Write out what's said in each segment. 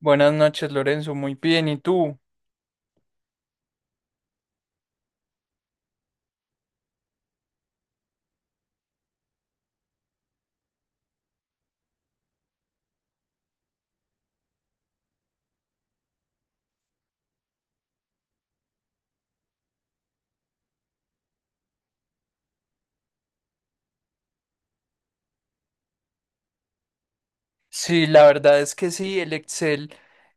Buenas noches, Lorenzo. Muy bien. ¿Y tú? Sí, la verdad es que sí, el Excel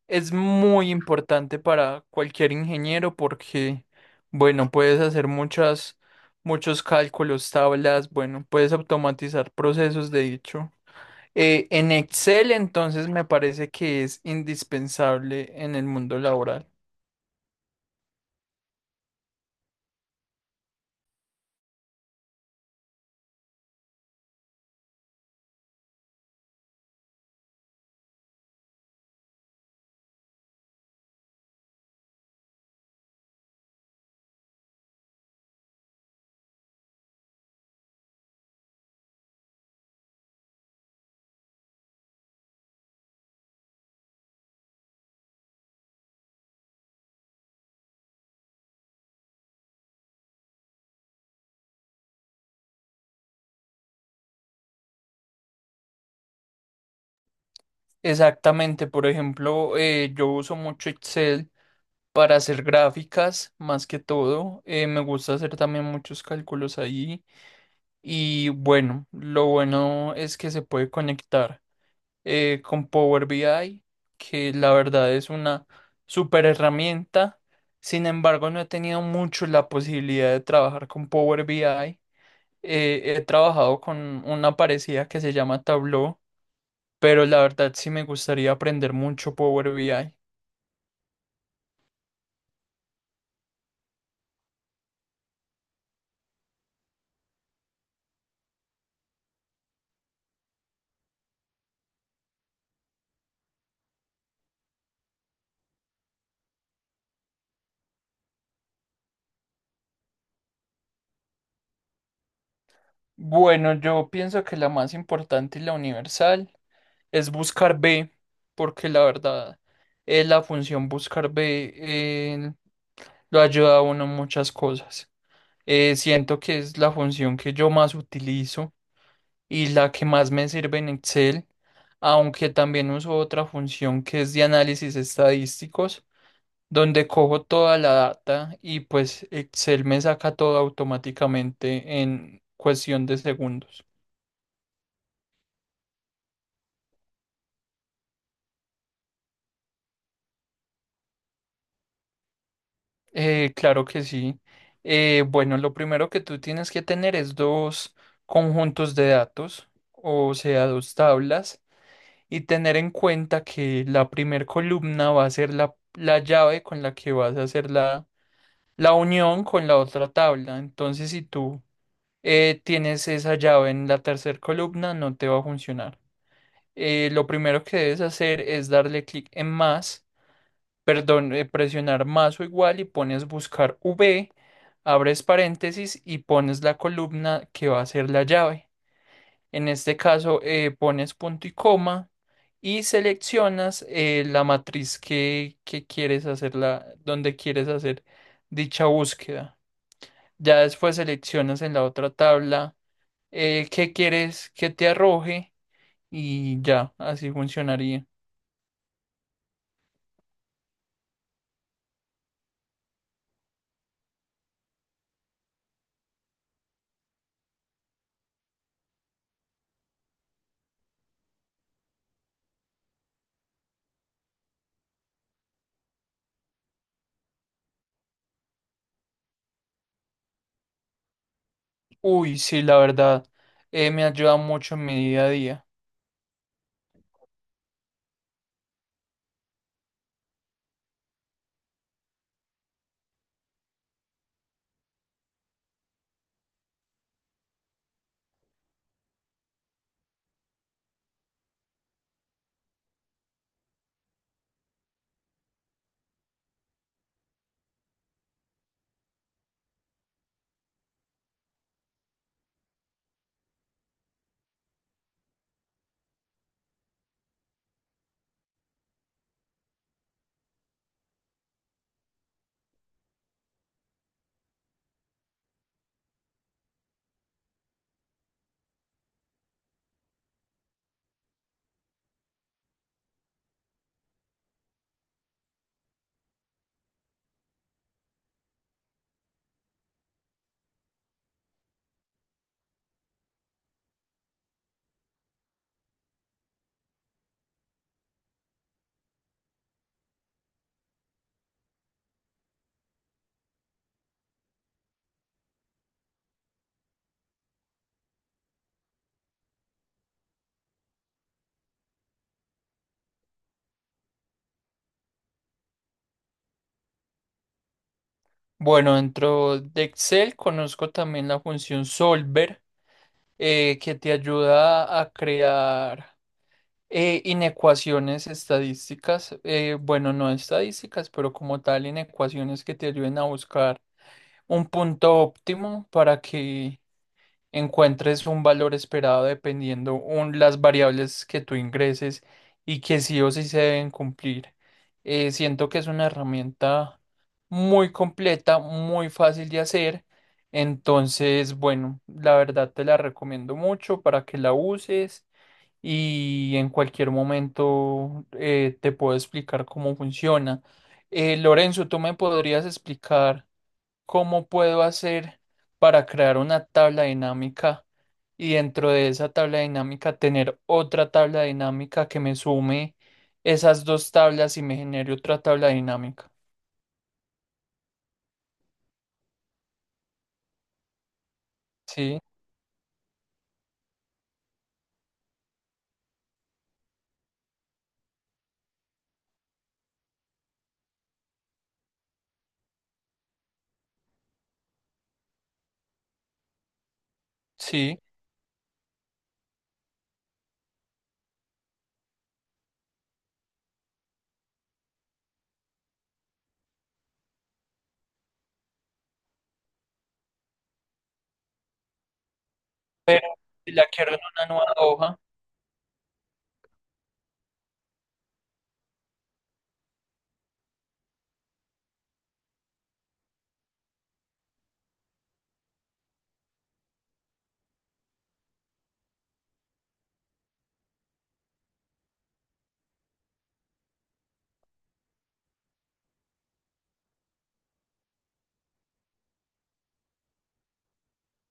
es muy importante para cualquier ingeniero porque, bueno, puedes hacer muchos cálculos, tablas, bueno, puedes automatizar procesos, de hecho. En Excel, entonces, me parece que es indispensable en el mundo laboral. Exactamente. Por ejemplo, yo uso mucho Excel para hacer gráficas más que todo. Me gusta hacer también muchos cálculos ahí. Y bueno, lo bueno es que se puede conectar con Power BI, que la verdad es una super herramienta. Sin embargo, no he tenido mucho la posibilidad de trabajar con Power BI. He trabajado con una parecida que se llama Tableau, pero la verdad sí me gustaría aprender mucho Power BI. Bueno, yo pienso que la más importante y la universal es buscar B, porque la verdad, la función buscar B lo ayuda a uno en muchas cosas. Siento que es la función que yo más utilizo y la que más me sirve en Excel, aunque también uso otra función que es de análisis estadísticos, donde cojo toda la data y pues Excel me saca todo automáticamente en cuestión de segundos. Claro que sí. Bueno, lo primero que tú tienes que tener es dos conjuntos de datos, o sea, dos tablas, y tener en cuenta que la primer columna va a ser la llave con la que vas a hacer la unión con la otra tabla. Entonces, si tú tienes esa llave en la tercer columna, no te va a funcionar. Lo primero que debes hacer es darle clic en más perdón, presionar más o igual y pones buscar V, abres paréntesis y pones la columna que va a ser la llave. En este caso, pones punto y coma y seleccionas la matriz que quieres hacer la, donde quieres hacer dicha búsqueda. Ya después seleccionas en la otra tabla qué quieres que te arroje y ya, así funcionaría. Uy, sí, la verdad, me ayuda mucho en mi día a día. Bueno, dentro de Excel conozco también la función solver, que te ayuda a crear inecuaciones estadísticas, bueno, no estadísticas, pero como tal, inecuaciones que te ayuden a buscar un punto óptimo para que encuentres un valor esperado dependiendo un, las variables que tú ingreses y que sí o sí se deben cumplir. Siento que es una herramienta muy completa, muy fácil de hacer. Entonces, bueno, la verdad te la recomiendo mucho para que la uses y en cualquier momento te puedo explicar cómo funciona. Lorenzo, ¿tú me podrías explicar cómo puedo hacer para crear una tabla dinámica y dentro de esa tabla dinámica tener otra tabla dinámica que me sume esas dos tablas y me genere otra tabla dinámica? Sí, sí, pero si la quiero en una nueva hoja,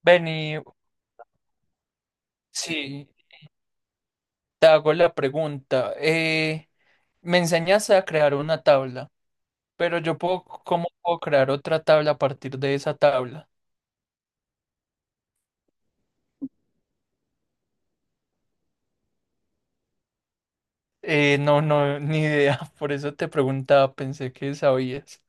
vení, sí, te hago la pregunta. Me enseñaste a crear una tabla, pero yo puedo, ¿cómo puedo crear otra tabla a partir de esa tabla? No, ni idea. Por eso te preguntaba, pensé que sabías.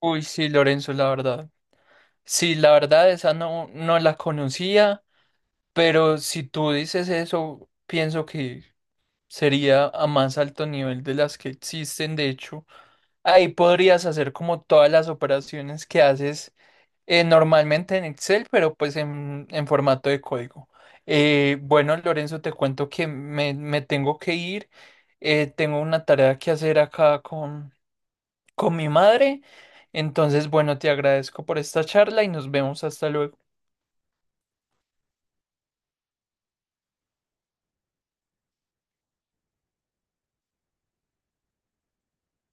Uy, sí, Lorenzo, la verdad. Sí, la verdad, esa no la conocía, pero si tú dices eso, pienso que sería a más alto nivel de las que existen. De hecho, ahí podrías hacer como todas las operaciones que haces normalmente en Excel, pero pues en formato de código. Bueno, Lorenzo, te cuento que me tengo que ir. Tengo una tarea que hacer acá con mi madre. Entonces, bueno, te agradezco por esta charla y nos vemos hasta luego.